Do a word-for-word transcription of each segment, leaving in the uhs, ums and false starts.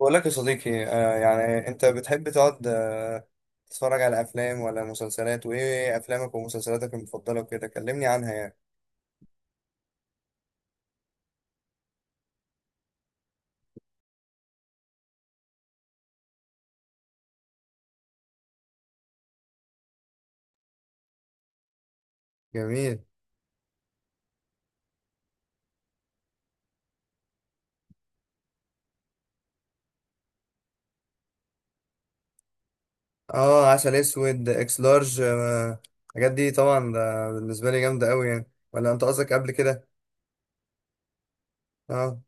بقول لك يا صديقي آه يعني انت بتحب تقعد آه تتفرج على افلام ولا مسلسلات، وايه افلامك ومسلسلاتك المفضله وكده، كلمني عنها يعني. جميل. اه، عسل اسود، اكس لارج، آه، الحاجات دي طبعا ده بالنسبه لي جامده قوي يعني، ولا انت قصدك قبل كده؟ اه،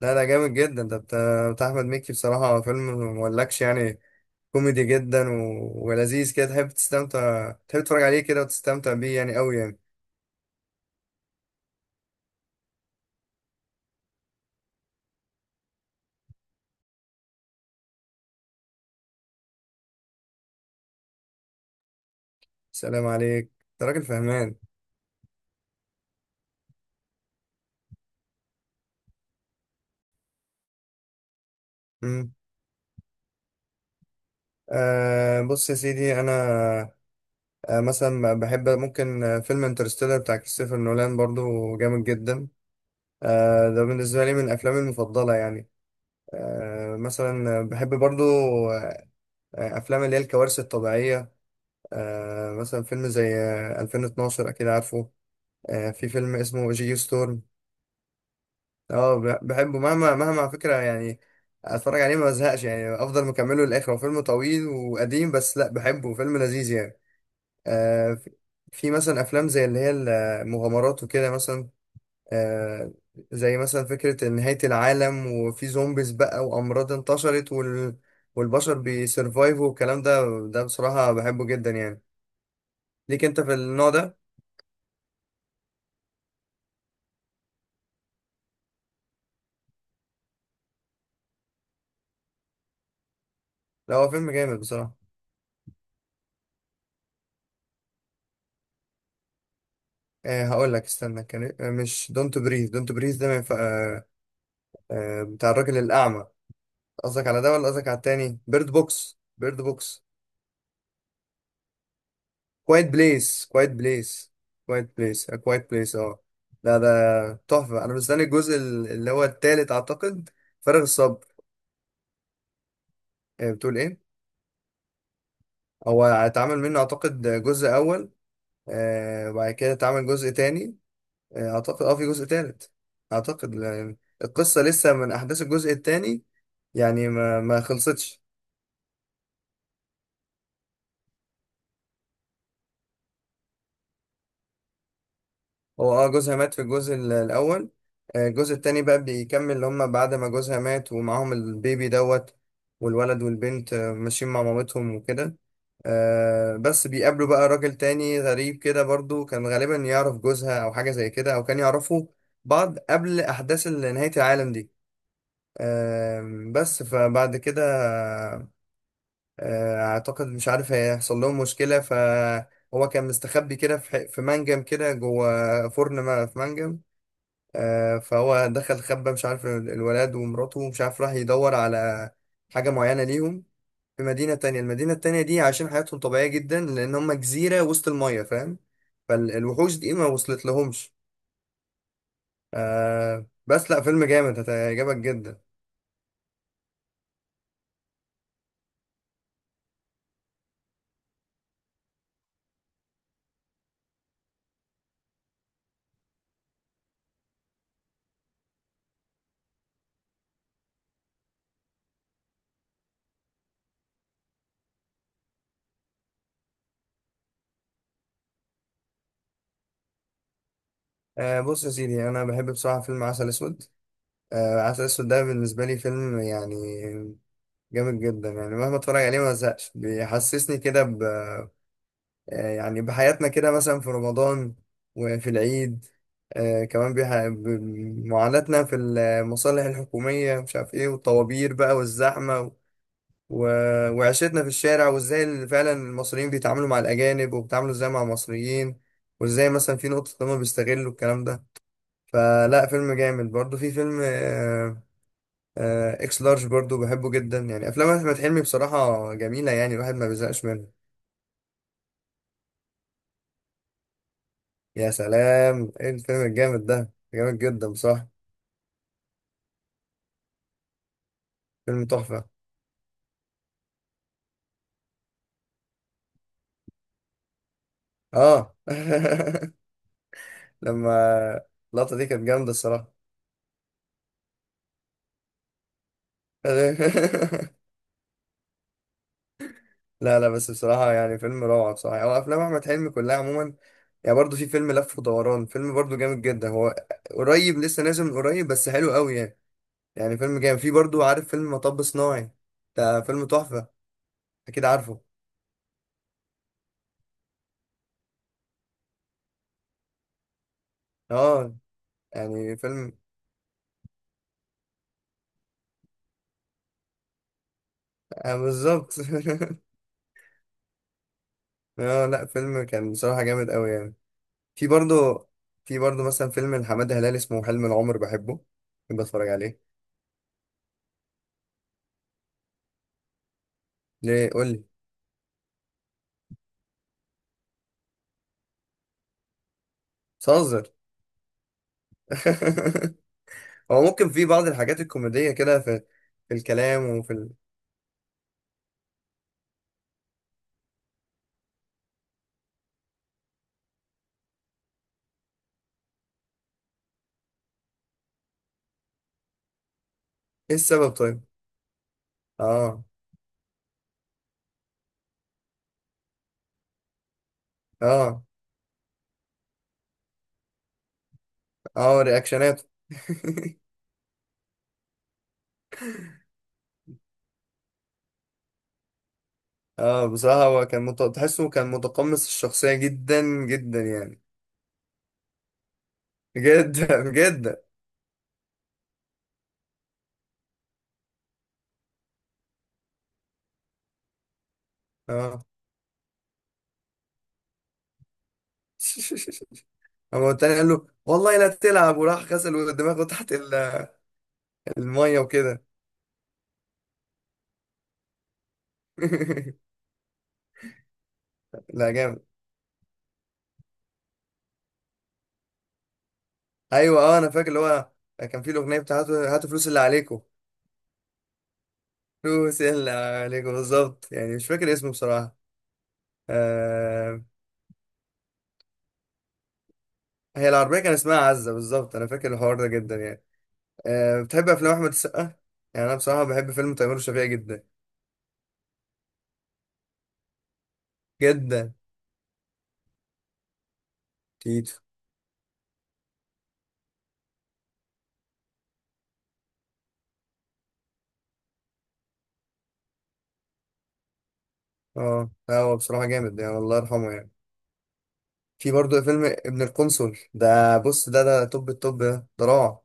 لا ده جامد جدا، ده بتاع, بتاع احمد مكي بصراحه، فيلم مولكش يعني. كوميدي جدا و... ولذيذ كده، تحب تستمتع، تحب تتفرج عليه كده وتستمتع بيه، يعني قوي يعني. سلام عليك، انت راجل فهمان. أه، بص يا سيدي انا أه مثلا بحب ممكن آه، فيلم انترستيلر بتاع كريستوفر نولان برضو جامد جدا. أه ده بالنسبه لي من افلامي المفضله يعني. أه مثلا آه، بحب برضو آه، افلام اللي هي الكوارث الطبيعيه. أه مثلا فيلم زي آه، ألفين واتناشر، اكيد عارفه؟ أه في فيلم اسمه جيو ستورم. اه، ب- بحبه مهما مهما على فكره يعني. اتفرج عليه ما بزهقش يعني، افضل مكمله للاخر، هو فيلم طويل وقديم بس لا بحبه، فيلم لذيذ يعني. آه، في في مثلا افلام زي اللي هي المغامرات وكده، مثلا آه، زي مثلا فكرة نهاية العالم، وفي زومبيز بقى وامراض انتشرت وال... والبشر بيسرفايفوا والكلام ده. ده بصراحة بحبه جدا يعني. ليك انت في النوع ده؟ لا، هو فيلم جامد بصراحة. أه، هقول لك، استنى، كان إيه؟ آه، مش دونت بريز، دونت بريز ده من ف... أه آه، بتاع الراجل الأعمى. قصدك على ده، ولا قصدك على التاني، بيرد بوكس، بيرد بوكس؟ كوايت بليس، كوايت بليس، كوايت بليس، كوايت بليس، اه. لا ده تحفة، أنا مستني الجزء ال- اللي هو التالت أعتقد، فارغ الصبر. آه، بتقول إيه؟ هو اتعمل منه أعتقد جزء أول، آه، وبعد كده اتعمل جزء تاني، آه، أعتقد أه في جزء تالت. أعتقد، لا، يعني القصة لسه من أحداث الجزء التاني، يعني ما ما خلصتش. هو، اه، جوزها مات في الجزء ال- الاول. آه، الجزء التاني بقى بيكمل، اللي هما بعد ما جوزها مات ومعاهم البيبي دوت، والولد والبنت، آه، ماشيين مع مامتهم وكده. آه، بس بيقابلوا بقى راجل تاني غريب كده، برضو كان غالبا يعرف جوزها او حاجة زي كده، او كان يعرفوا بعض قبل احداث ال- نهاية العالم دي. آم، بس فبعد كده، آه، اعتقد مش عارف هيحصل لهم مشكلة، فهو كان مستخبي كده في ح- في منجم كده جوه فرن ما- في منجم. آه، فهو دخل خبى، مش عارف ال- الولد ومراته، مش عارف راح يدور على حاجة معينة ليهم في مدينة تانية. المدينة التانية دي عايشين حياتهم طبيعية جدا، لأن هم جزيرة وسط المية، فاهم، فالوحوش دي ما وصلت لهمش. آه بس لا، فيلم جامد هتعجبك جدا. آه بص يا سيدي، أنا بحب بصراحة فيلم عسل أسود. آه عسل أسود ده بالنسبة لي فيلم يعني جامد جدا، يعني مهما اتفرج عليه ما زهقش، بيحسسني كده آه، يعني بحياتنا كده، مثلا في رمضان وفي العيد، آه، كمان بح- بمعاناتنا في المصالح الحكومية، مش عارف ايه، والطوابير بقى والزحمة و... وعيشتنا في الشارع، وازاي ال- فعلا المصريين بيتعاملوا مع الأجانب، وبيتعاملوا ازاي مع المصريين، وازاي مثلا في نقطة إن هما بيستغلوا الكلام ده. فلا، فيلم جامد برضه. في فيلم آه، آه، اكس لارج برضه بحبه جدا يعني، أفلام أحمد حلمي بصراحة جميلة، يعني الواحد ما بيزهقش منها. يا سلام، ايه الفيلم الجامد ده، جامد جدا بصراحة. فيلم تحفة. اه. لما اللقطة دي كانت جامدة الصراحة. لا، لا، بس بصراحة يعني، فيلم روعة بصراحة، يعني هو أفلام أحمد حلمي كلها عموما. يعني برضه في فيلم لف ودوران، فيلم برضه جامد جدا هو، قريب لسه نازل من قريب، بس حلو قوي يعني، يعني فيلم جامد. في برضه، عارف فيلم مطب صناعي؟ ده فيلم تحفة، أكيد عارفه. اه، يعني فيلم آه بالظبط. اه، لا فيلم كان بصراحة جامد قوي يعني. في برضه، في برضه مثلا فيلم لحماد هلال اسمه حلم العمر، بحبه، بحب اتفرج عليه. ليه؟ قول لي. بتهزر؟ هو ممكن في بعض الحاجات الكوميدية كده، في في الكلام وفي ال... ايه السبب طيب؟ اه، اه، اه، رياكشناته. اه، بصراحة هو كان مت... تحسه كان متقمص الشخصية جدا جدا يعني، جدا جدا. اه. هو التاني قال له والله لا تلعب، وراح غسل دماغه تحت ال- المية وكده. لا، جامد. ايوه، اه، انا فاكر اللي هو كان في الاغنيه بتاعته، هاتوا هاتوا فلوس اللي عليكم، فلوس اللي عليكم بالظبط، يعني مش فاكر اسمه بصراحه. آه هي العربيه كان اسمها عزه بالظبط، انا فاكر الحوار ده جدا يعني. آه بتحب افلام احمد السقا؟ يعني انا بصراحه بحب فيلم تيمور وشفيقة جدا، جدا. تيتو. اه، لا، هو بصراحه جامد يعني، الله يرحمه يعني. في برضه فيلم ابن القنصل، ده بص، ده ده توب التوب ده، ده روعه.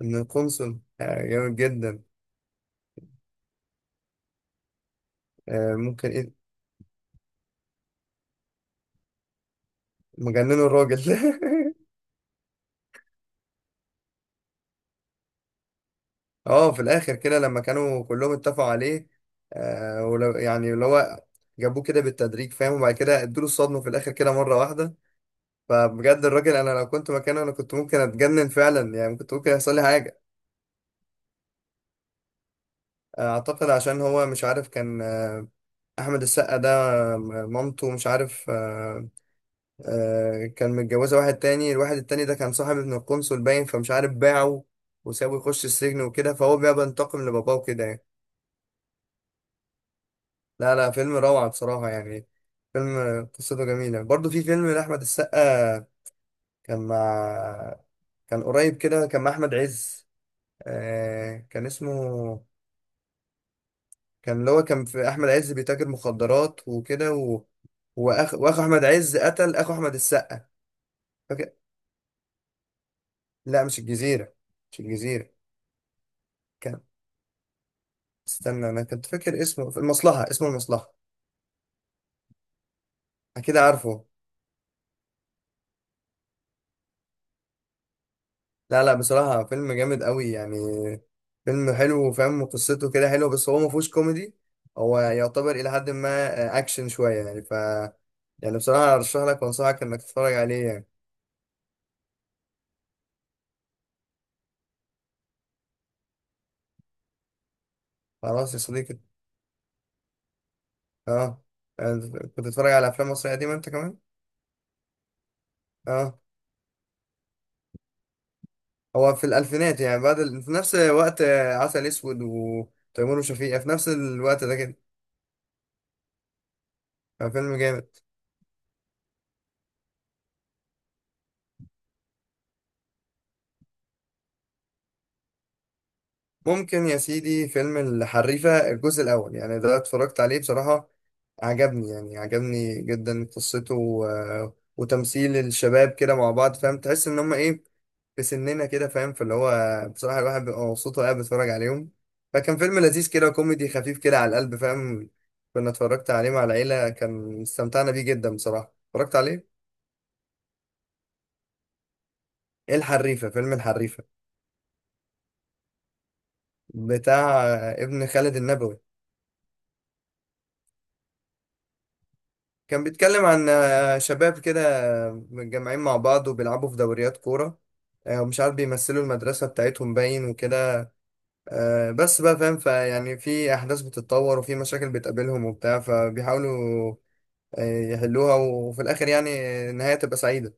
ابن القنصل آه جامد جدا. آه ممكن ايه. مجننوا الراجل. اه، في الاخر كده لما كانوا كلهم اتفقوا عليه، آه ولو يعني اللي هو جابوه كده بالتدريج، فاهم، وبعد كده ادوا له الصدمه في الاخر كده مره واحده. فبجد الراجل، انا لو كنت مكانه انا كنت ممكن اتجنن فعلا يعني، كنت ممكن يحصل لي حاجه. آه، اعتقد عشان هو مش عارف، كان آه، احمد السقا ده، آه، مامته مش عارف، آه، آه، كان متجوزه واحد تاني، الواحد التاني ده كان صاحب ابن القنصل باين، فمش عارف باعه وسابه يخش السجن وكده، فهو بقى بينتقم لباباه وكده يعني. لا لا، فيلم روعة بصراحة يعني. فيلم قصته جميلة برضو. في فيلم لأحمد السقا، كان مع، كان قريب كده، كان مع أحمد عز، آه... كان اسمه، كان اللي هو كان في أحمد عز بيتاجر مخدرات وكده و... وأخ... وأخو أحمد عز قتل أخو أحمد السقا، فاكر؟ لا مش الجزيرة، مش الجزيرة. كان، استنى، أنا كنت فاكر اسمه، في المصلحة، اسمه المصلحة، أكيد عارفه. لا لا، بصراحة فيلم جامد قوي يعني. فيلم حلو، وفاهم قصته كده حلوة، بس هو ما فيهوش كوميدي، هو يعتبر إلى حد ما آه، أكشن شوية يعني، ف يعني بصراحة أرشح لك وأنصحك إنك تتفرج عليه يعني. خلاص يا صديقي. أه أنت كنت بتتفرج على أفلام مصرية قديمة أنت كمان؟ أه، هو في الألفينات يعني، بعد ال... في نفس وقت آه، عسل أسود وتيمور وشفيقة، في نفس الوقت ده كده، ففيلم جامد. ممكن يا سيدي فيلم الحريفة الجزء الأول، يعني ده اتفرجت عليه بصراحة، عجبني يعني، عجبني جدا قصته و... وتمثيل الشباب كده مع بعض، فاهم، تحس ان هم ايه، في سننا كده، فاهم، فاللي هو بصراحة الواحد بيبقى مبسوط وهو قاعد بيتفرج عليهم، فكان فيلم لذيذ كده، كوميدي خفيف كده على القلب، فاهم. كنا اتفرجت عليه مع العيلة، كان استمتعنا بيه جدا بصراحة، اتفرجت عليه. ايه الحريفة، فيلم الحريفة بتاع ابن خالد النبوي. كان بيتكلم عن آه، شباب كده متجمعين مع بعض وبيلعبوا في دوريات كورة، آه، ومش عارف بيمثلوا المدرسة بتاعتهم باين وكده، آه، بس بقى، فاهم، فيعني في احداث بتتطور وفي مشاكل بتقابلهم وبتاع، فبيحاولوا آه، يحلوها، وفي الاخر يعني النهايه تبقى سعيده.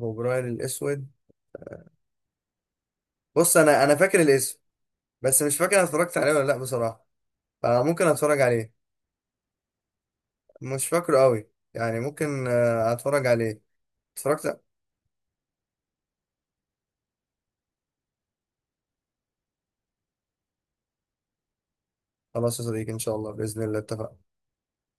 فبراير الاسود، بص انا انا فاكر الاسم، بس مش فاكر انا اتفرجت عليه ولا لا بصراحه، فممكن اتفرج عليه. مش فاكره قوي يعني، ممكن آه، اتفرج عليه، اتفرجت. خلاص يا صديقي، ان شاء الله، باذن الله اتفقنا.